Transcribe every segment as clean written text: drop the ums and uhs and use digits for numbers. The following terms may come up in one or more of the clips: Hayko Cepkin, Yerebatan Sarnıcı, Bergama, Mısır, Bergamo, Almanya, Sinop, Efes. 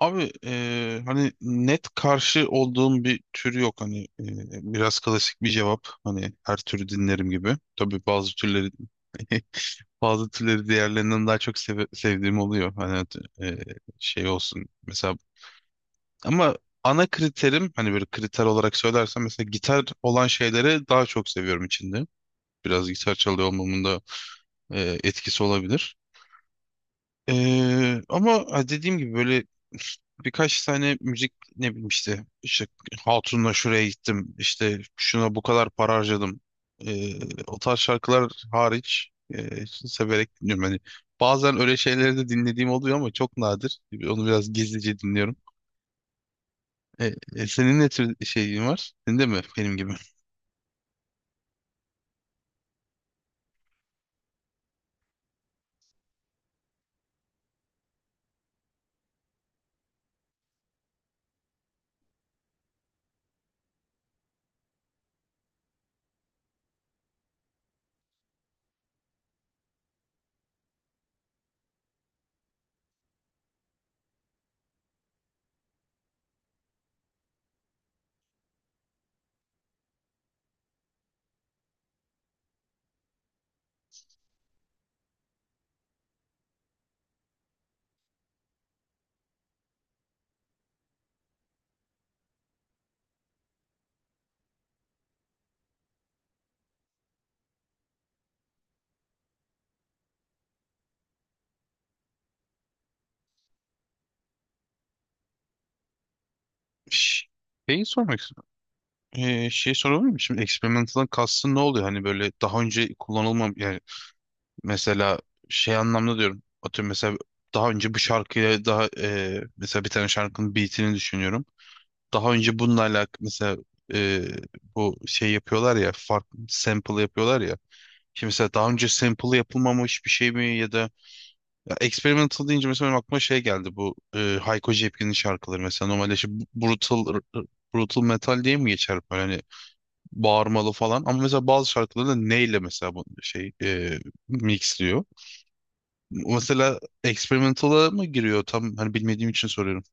Abi, hani net karşı olduğum bir tür yok, hani biraz klasik bir cevap, hani her türü dinlerim gibi. Tabii bazı türleri bazı türleri diğerlerinden daha çok sevdiğim oluyor. Hani eee, şey olsun mesela, ama ana kriterim, hani böyle kriter olarak söylersem, mesela gitar olan şeyleri daha çok seviyorum içinde. Biraz gitar çalıyor olmamın da etkisi olabilir. Ama dediğim gibi böyle birkaç tane müzik, ne bileyim işte Hatun'la şuraya gittim, işte şuna bu kadar para harcadım. O tarz şarkılar hariç severek dinliyorum. Hani bazen öyle şeyleri de dinlediğim oluyor ama çok nadir. Onu biraz gizlice dinliyorum. Senin ne tür şeyin var? Senin de mi benim gibi? Ş- Şeyi sormak istiyorum. Şey sorabilir miyim? Şimdi experimental'dan kastın ne oluyor? Hani böyle daha önce kullanılmam. Mesela şey anlamda diyorum. Atıyorum mesela daha önce bu şarkıyla daha mesela bir tane şarkının beatini düşünüyorum. Daha önce bununla alakalı mesela e, bu şey yapıyorlar ya, farklı sample yapıyorlar ya. Şimdi mesela daha önce sample yapılmamış bir şey mi, ya da ya experimental deyince mesela benim aklıma şey geldi, bu Hayko Cepkin'in şarkıları mesela, normalde işte brutal, brutal metal diye mi geçer böyle, hani bağırmalı falan, ama mesela bazı şarkıları da neyle mesela bu şey mixliyor. Mesela experimental'a mı giriyor? Tam hani bilmediğim için soruyorum.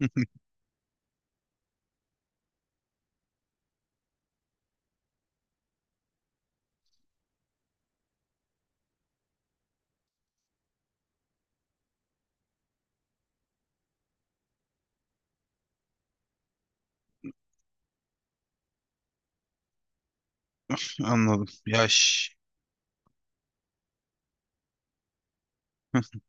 Anladım. Ya,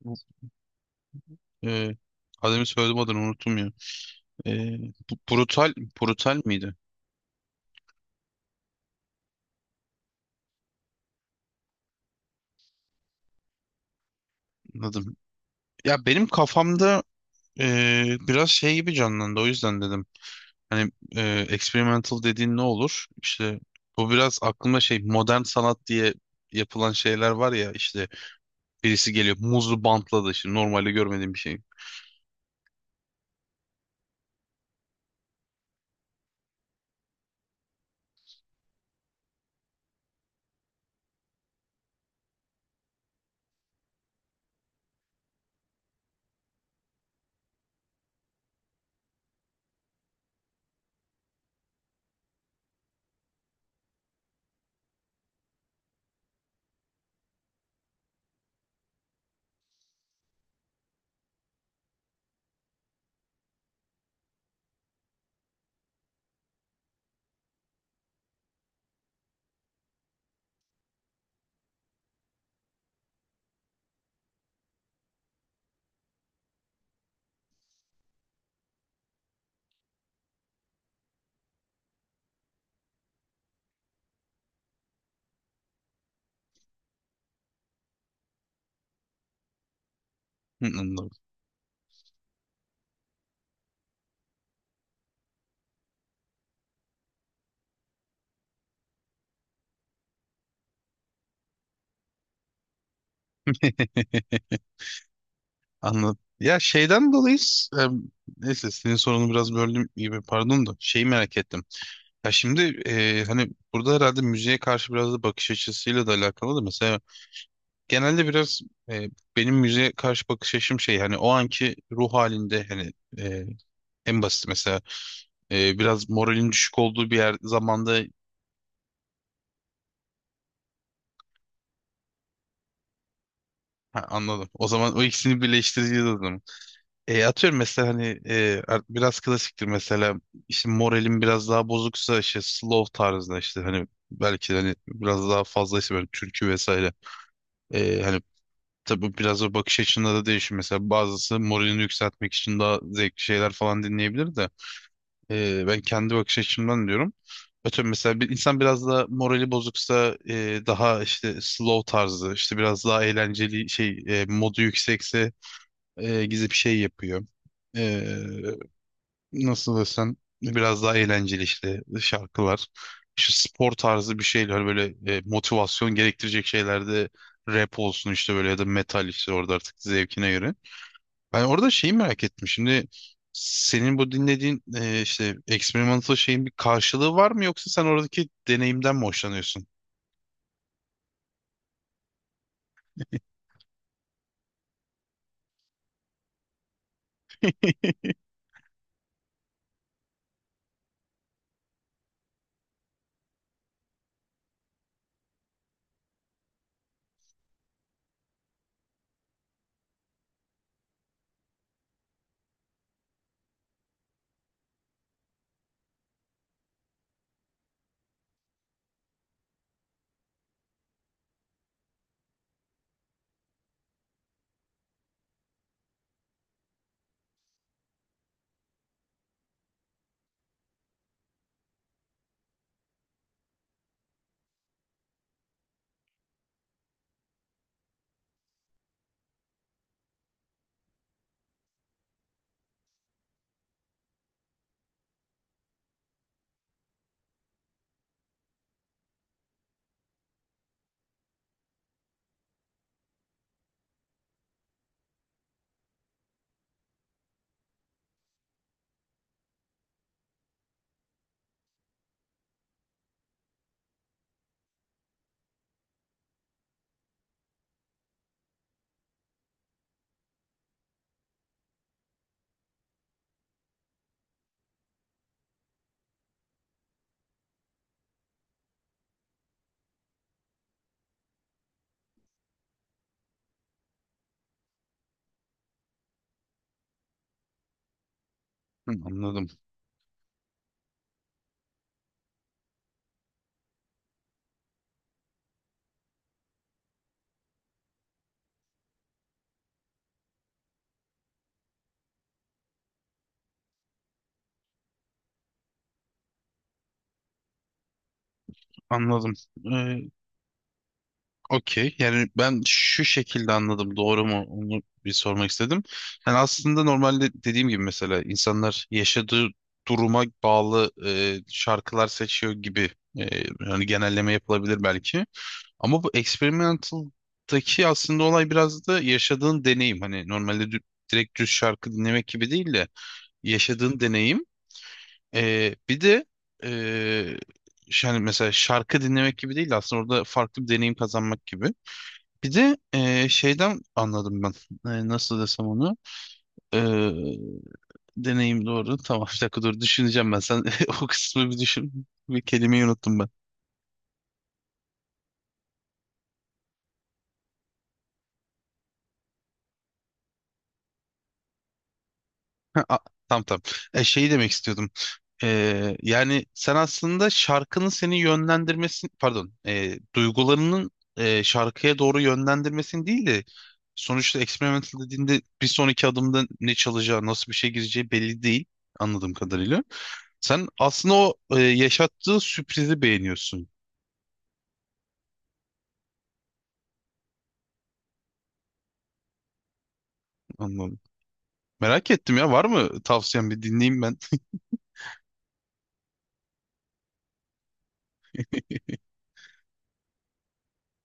bu, e, adını söyledim, adını unuttum ya. E, Brutal brutal miydi? Anladım. Ya benim kafamda biraz şey gibi canlandı, o yüzden dedim. Hani experimental dediğin ne olur? İşte bu biraz aklımda şey, modern sanat diye yapılan şeyler var ya işte. Birisi geliyor muzlu bantla da, şimdi normalde görmediğim bir şey. Hı, anladım. Anladım. Ya şeyden dolayı neyse, senin sorunu biraz böldüm gibi, pardon, da şeyi merak ettim. Ya şimdi hani burada herhalde müziğe karşı biraz da bakış açısıyla da alakalı da, mesela genelde biraz, e, benim müziğe karşı bakış açım şey, hani o anki ruh halinde, hani e, en basit mesela, biraz moralin düşük olduğu bir yer zamanda, ha, anladım. O zaman o ikisini birleştireceğiz o zaman. Atıyorum mesela, hani biraz klasiktir mesela, işte moralim biraz daha bozuksa işte slow tarzında, işte hani belki de hani biraz daha fazla işte böyle türkü vesaire. Hani tabii biraz o bakış açında da değişir. Mesela bazısı moralini yükseltmek için daha zevkli şeyler falan dinleyebilir de. Ben kendi bakış açımdan diyorum. Atıyorum mesela bir insan biraz da morali bozuksa, daha işte slow tarzı, işte biraz daha eğlenceli şey, modu yüksekse gizli bir şey yapıyor. E, Nasıl desem, biraz daha eğlenceli işte şarkılar. İşte spor tarzı bir şeyler, böyle motivasyon gerektirecek şeylerde rap olsun, işte böyle, ya da metal, işte orada artık zevkine göre. Ben orada şeyi merak ettim. Şimdi senin bu dinlediğin işte experimental şeyin bir karşılığı var mı, yoksa sen oradaki deneyimden mi hoşlanıyorsun? Hı, anladım. Anladım. Ee, Okey. Yani ben şu şekilde anladım. Doğru mu? Onu bir sormak istedim. Yani aslında normalde dediğim gibi mesela insanlar yaşadığı duruma bağlı şarkılar seçiyor gibi, e, yani genelleme yapılabilir belki. Ama bu experimental'daki aslında olay biraz da yaşadığın deneyim. Hani normalde direkt düz şarkı dinlemek gibi değil de yaşadığın deneyim. Bir de ee, hani mesela şarkı dinlemek gibi değil de aslında orada farklı bir deneyim kazanmak gibi. Bir de şeyden anladım ben. Nasıl desem onu? Ee, Deneyim doğru. Tamam, bir dakika dur, düşüneceğim ben. Sen o kısmı bir düşün. Bir kelimeyi unuttum ben. Ha, tamam tamam. Şeyi demek istiyordum. Yani sen aslında şarkının seni yönlendirmesini, pardon, duygularının şarkıya doğru yönlendirmesini değil de, sonuçta experimental dediğinde bir sonraki adımda ne çalacağı, nasıl bir şey gireceği belli değil anladığım kadarıyla. Sen aslında o yaşattığı sürprizi beğeniyorsun. Anladım. Merak ettim ya, var mı tavsiyen? Bir dinleyeyim ben.